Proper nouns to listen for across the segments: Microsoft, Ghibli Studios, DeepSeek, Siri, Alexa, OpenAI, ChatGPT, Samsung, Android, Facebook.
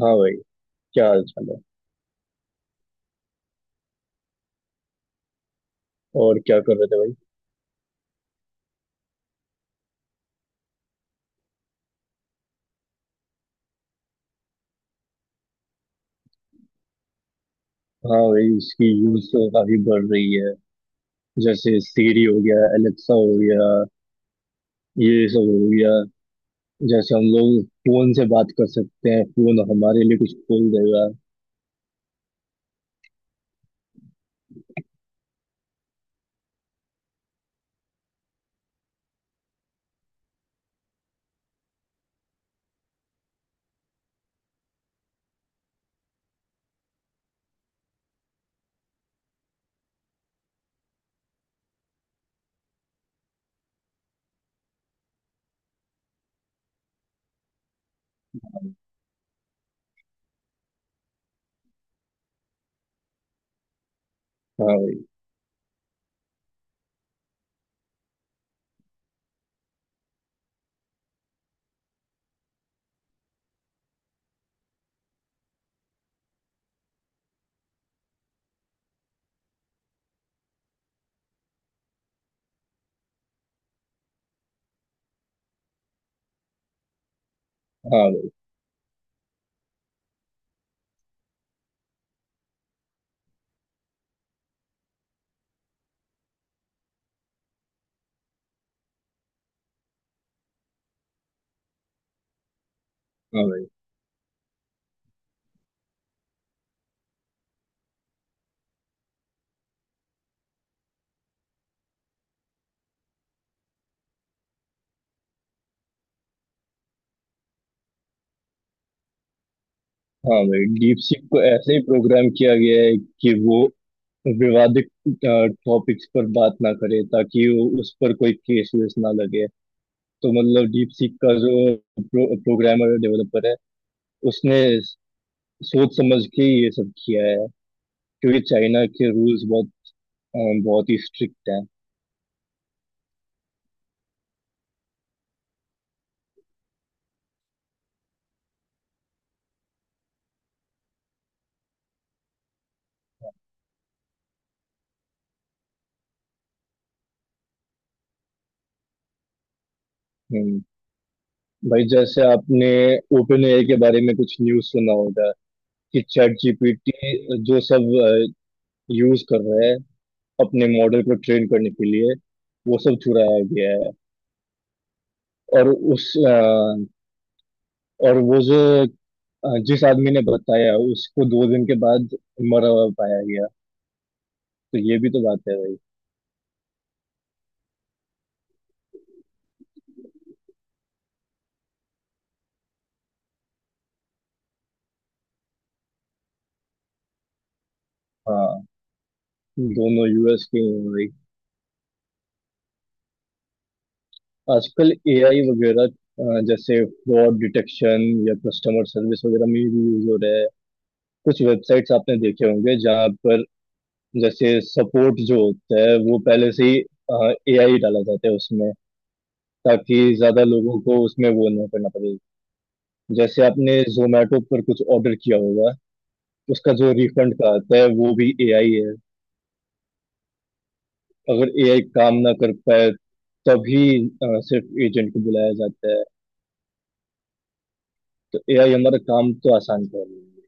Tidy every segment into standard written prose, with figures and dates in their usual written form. हाँ भाई। क्या हाल चाल है। और क्या कर रहे थे भाई। हाँ भाई, इसकी यूज तो काफी बढ़ रही है। जैसे सीरी हो गया, एलेक्सा हो गया, ये सब हो गया। जैसे हम लोग फोन से बात कर सकते हैं, फोन हमारे लिए कुछ खोल देगा। हाँ भाई। हाँ भाई। हाँ भाई। हाँ भाई, डीप सीक को ऐसे ही प्रोग्राम किया गया है कि वो विवादित टॉपिक्स पर बात ना करे, ताकि वो उस पर कोई केस वेस ना लगे। तो मतलब डीप सीक का जो प्रोग्रामर डेवलपर है, उसने सोच समझ के ये सब किया है। क्योंकि चाइना के रूल्स बहुत अ, बहुत ही स्ट्रिक्ट हैं। हम्म। भाई जैसे आपने ओपन एआई के बारे में कुछ न्यूज़ सुना होगा कि चैट जीपीटी जो सब यूज कर रहा है अपने मॉडल को ट्रेन करने के लिए, वो सब चुराया गया है। और और वो जो जिस आदमी ने बताया, उसको 2 दिन के बाद मरा हुआ पाया गया। तो ये भी तो बात है भाई। हाँ, दोनों यूएस के हैं भाई। आजकल एआई वगैरह जैसे फ्रॉड डिटेक्शन या कस्टमर सर्विस वगैरह में भी यूज हो रहा है। कुछ वेबसाइट्स आपने देखे होंगे जहाँ पर जैसे सपोर्ट जो होता है, वो पहले से ही एआई डाला जाता है उसमें, ताकि ज्यादा लोगों को उसमें वो ना करना पड़े। जैसे आपने जोमेटो पर कुछ ऑर्डर किया होगा, उसका जो रिफंड का आता है वो भी एआई है। अगर एआई काम ना कर पाए, तभी सिर्फ एजेंट को बुलाया जाता है। तो एआई हमारा काम तो आसान कर रही है।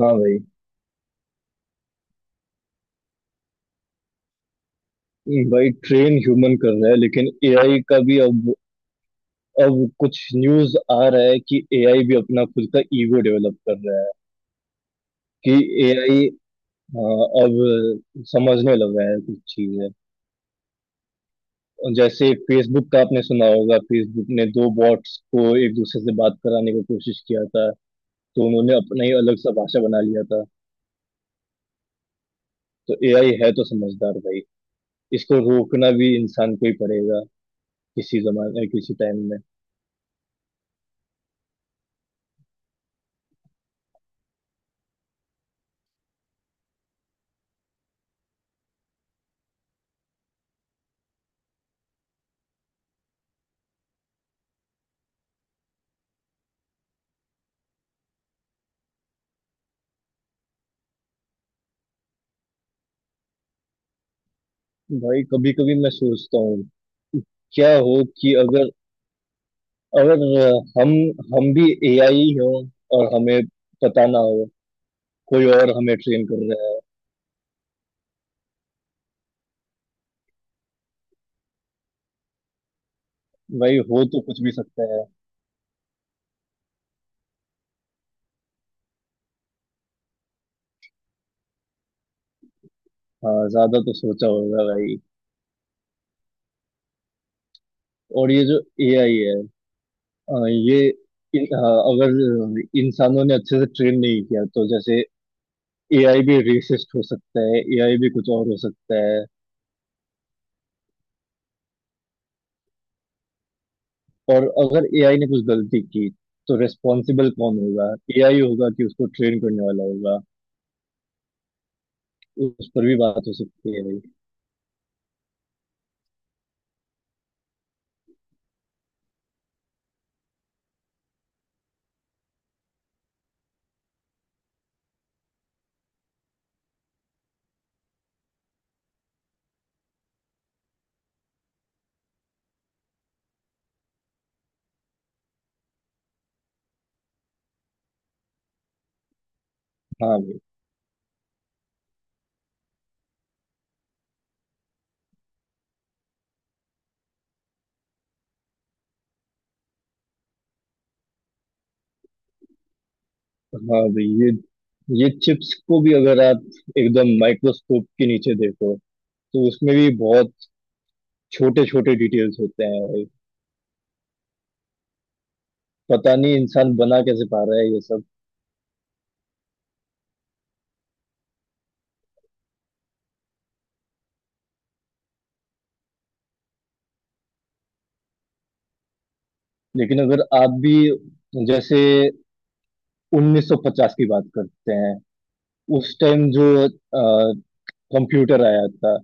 हाँ भाई। भाई ट्रेन ह्यूमन कर रहा है, लेकिन एआई का भी अब कुछ न्यूज आ रहा है कि एआई भी अपना खुद का ईगो डेवलप कर रहा है। कि एआई अब समझने लग रहा है कुछ चीजें। जैसे फेसबुक का आपने सुना होगा, फेसबुक ने दो बॉट्स को एक दूसरे से बात कराने की कोशिश किया था, तो उन्होंने अपना ही अलग सा भाषा बना लिया था। तो एआई है तो समझदार भाई, इसको रोकना भी इंसान को ही पड़ेगा, किसी जमाने किसी टाइम में। भाई कभी कभी मैं सोचता हूँ, क्या हो कि अगर अगर अ, हम भी एआई हो, और हमें पता ना हो, कोई और हमें ट्रेन कर रहा है। भाई हो तो कुछ भी सकता है। हाँ ज्यादा तो सोचा होगा भाई। और ये जो एआई है, अ, ये हाँ, अगर इंसानों ने अच्छे से ट्रेन नहीं किया, तो जैसे एआई भी रेसिस्ट हो सकता है, एआई भी कुछ और हो सकता है। और अगर एआई ने कुछ गलती की, तो रेस्पॉन्सिबल कौन होगा? एआई होगा कि उसको ट्रेन करने वाला होगा? उस पर भी बात हो सकती है। हाँ भाई। हाँ भाई, ये चिप्स को भी अगर आप एकदम माइक्रोस्कोप के नीचे देखो, तो उसमें भी बहुत छोटे छोटे डिटेल्स होते हैं भाई। पता नहीं इंसान बना कैसे पा रहा है ये सब। लेकिन अगर आप भी जैसे 1950 की बात करते हैं, उस टाइम जो कंप्यूटर आया था,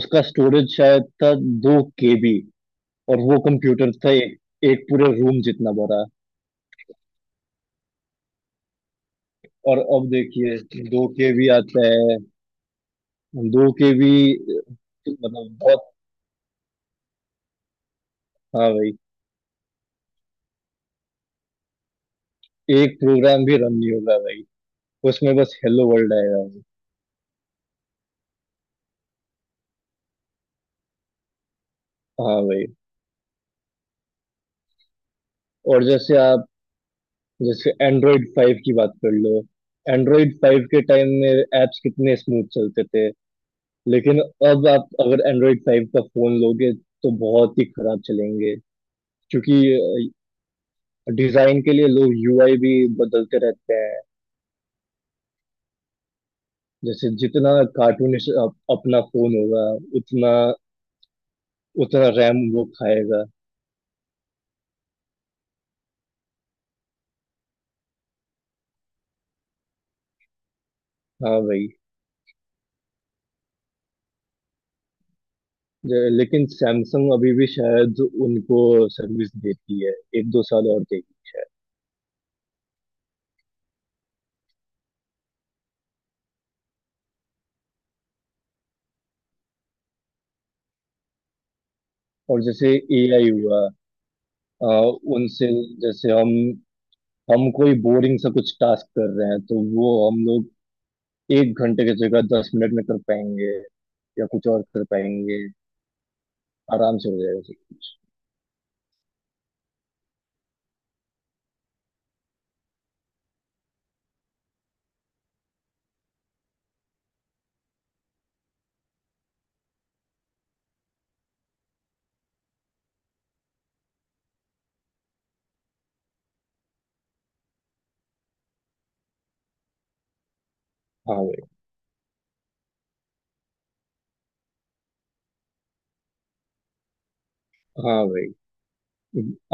उसका स्टोरेज शायद था 2 KB। और वो कंप्यूटर था एक पूरे रूम जितना बड़ा। और अब देखिए 2 KB आता है। दो के भी मतलब बहुत। हाँ भाई, एक प्रोग्राम भी रन नहीं होगा भाई, उसमें बस हेलो वर्ल्ड आएगा भाई। हाँ भाई। और जैसे आप जैसे एंड्रॉइड 5 की बात कर लो, एंड्रॉइड 5 के टाइम में एप्स कितने स्मूथ चलते थे। लेकिन अब आप अगर एंड्रॉइड 5 का फोन लोगे, तो बहुत ही खराब चलेंगे। क्योंकि डिजाइन के लिए लोग यूआई भी बदलते रहते हैं। जैसे जितना अपना फोन होगा, उतना उतना रैम वो खाएगा। हाँ भाई। लेकिन सैमसंग अभी भी शायद उनको सर्विस देती है, एक दो साल और देगी। और जैसे एआई हुआ। आ, उनसे जैसे हम कोई बोरिंग सा कुछ टास्क कर रहे हैं, तो वो हम लोग 1 घंटे की जगह 10 मिनट में कर पाएंगे, या कुछ और कर पाएंगे, आराम से हो जाएगा सब कुछ। हाँ भाई। हाँ भाई,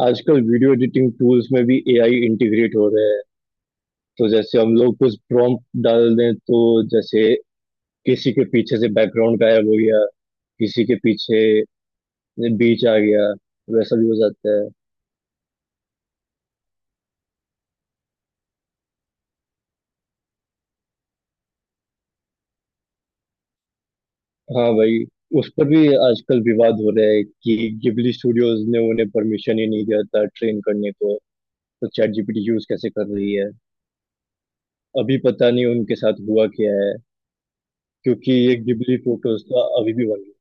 आजकल वीडियो एडिटिंग टूल्स में भी एआई इंटीग्रेट हो रहे हैं। तो जैसे हम लोग कुछ प्रॉम्प्ट डाल दें, तो जैसे किसी के पीछे से बैकग्राउंड गायब हो गया, किसी के पीछे बीच आ गया, वैसा भी हो जाता है। हाँ भाई। उस पर भी आजकल विवाद हो रहा है कि गिबली स्टूडियोज ने उन्हें परमिशन ही नहीं दिया था ट्रेन करने को। तो चैट जीपीटी यूज कैसे कर रही है? अभी पता नहीं उनके साथ हुआ क्या है, क्योंकि ये गिबली फोटोज तो अभी भी बन रही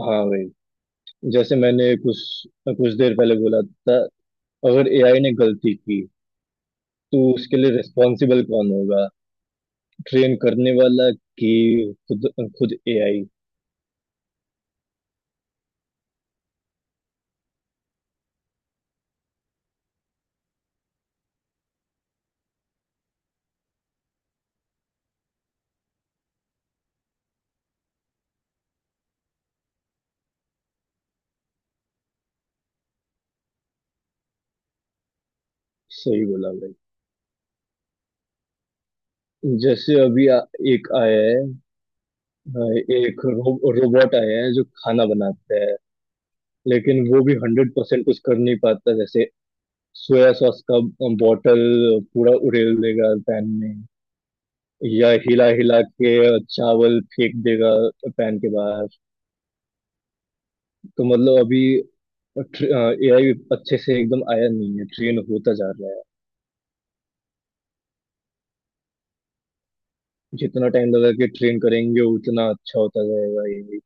है। हाँ भाई, जैसे मैंने कुछ कुछ देर पहले बोला था, अगर एआई ने गलती की, तो उसके लिए रिस्पॉन्सिबल कौन होगा? ट्रेन करने वाला कि खुद खुद एआई? सही बोला भाई। जैसे अभी एक आया है, अ, एक रोबोट आया है जो खाना बनाता है। लेकिन वो भी 100% कुछ कर नहीं पाता, जैसे सोया सॉस का बॉटल पूरा उड़ेल देगा पैन में, या हिला हिला के चावल फेंक देगा पैन के बाहर। तो मतलब अभी एआई अच्छे से एकदम आया नहीं है, ट्रेन होता जा रहा है। जितना टाइम लगा के ट्रेन करेंगे, उतना अच्छा होता जाएगा ये भी।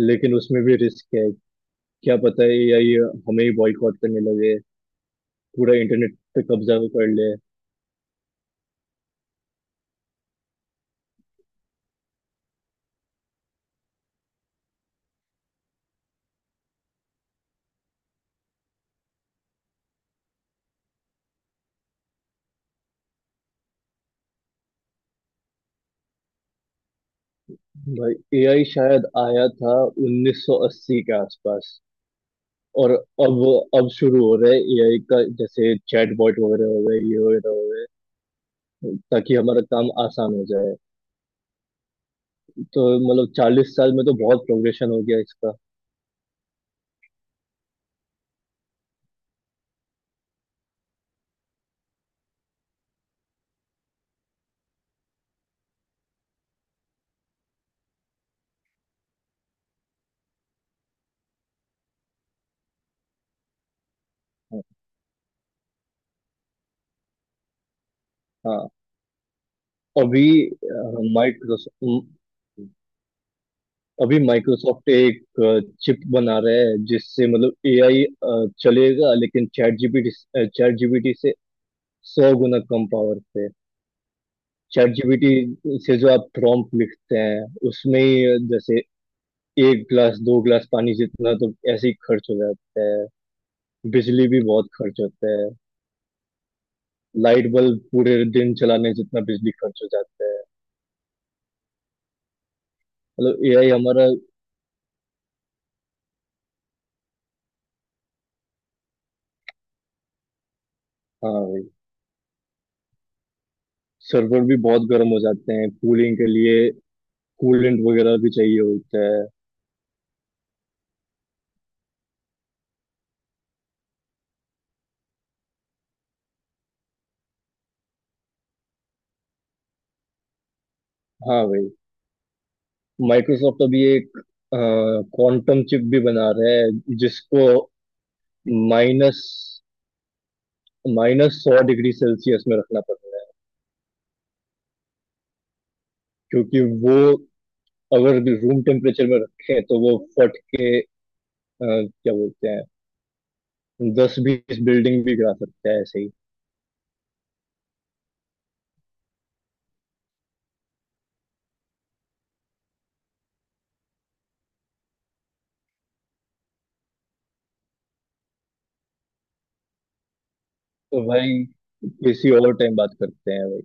लेकिन उसमें भी रिस्क है, क्या पता है एआई हमें ही बॉयकॉट करने लगे, पूरा इंटरनेट पे कब्जा कर ले। भाई एआई शायद आया था 1980 के आसपास। और अब शुरू हो रहा है एआई का, जैसे चैटबॉट वगैरह हो गए, ये वगैरह हो गए, ताकि हमारा काम आसान हो जाए। तो मतलब 40 साल में तो बहुत प्रोग्रेशन हो गया इसका। हाँ। अभी माइक्रोसॉफ्ट अभी माइक्रोसॉफ्ट एक चिप बना रहा है जिससे मतलब एआई चलेगा, लेकिन चैट जीपीटी से 100 गुना कम पावर पे। चैट जीपीटी से जो आप प्रॉम्प्ट लिखते हैं, उसमें ही जैसे एक गिलास दो गिलास पानी जितना तो ऐसे ही खर्च हो जाता है। बिजली भी बहुत खर्च होता है, लाइट बल्ब पूरे दिन चलाने जितना बिजली खर्च हो जाता है। मतलब एआई हमारा। हाँ भाई, सर्वर भी बहुत गर्म हो जाते हैं, कूलिंग के लिए कूलेंट वगैरह भी चाहिए होता है। हाँ भाई, माइक्रोसॉफ्ट अभी एक क्वांटम चिप भी बना रहा है, जिसको माइनस माइनस सौ डिग्री सेल्सियस में रखना पड़ रहा है। क्योंकि वो अगर रूम टेम्परेचर में रखें, तो वो फट के क्या बोलते हैं, दस बीस बिल्डिंग भी गिरा सकता है ऐसे ही। तो भाई, किसी और टाइम बात करते हैं।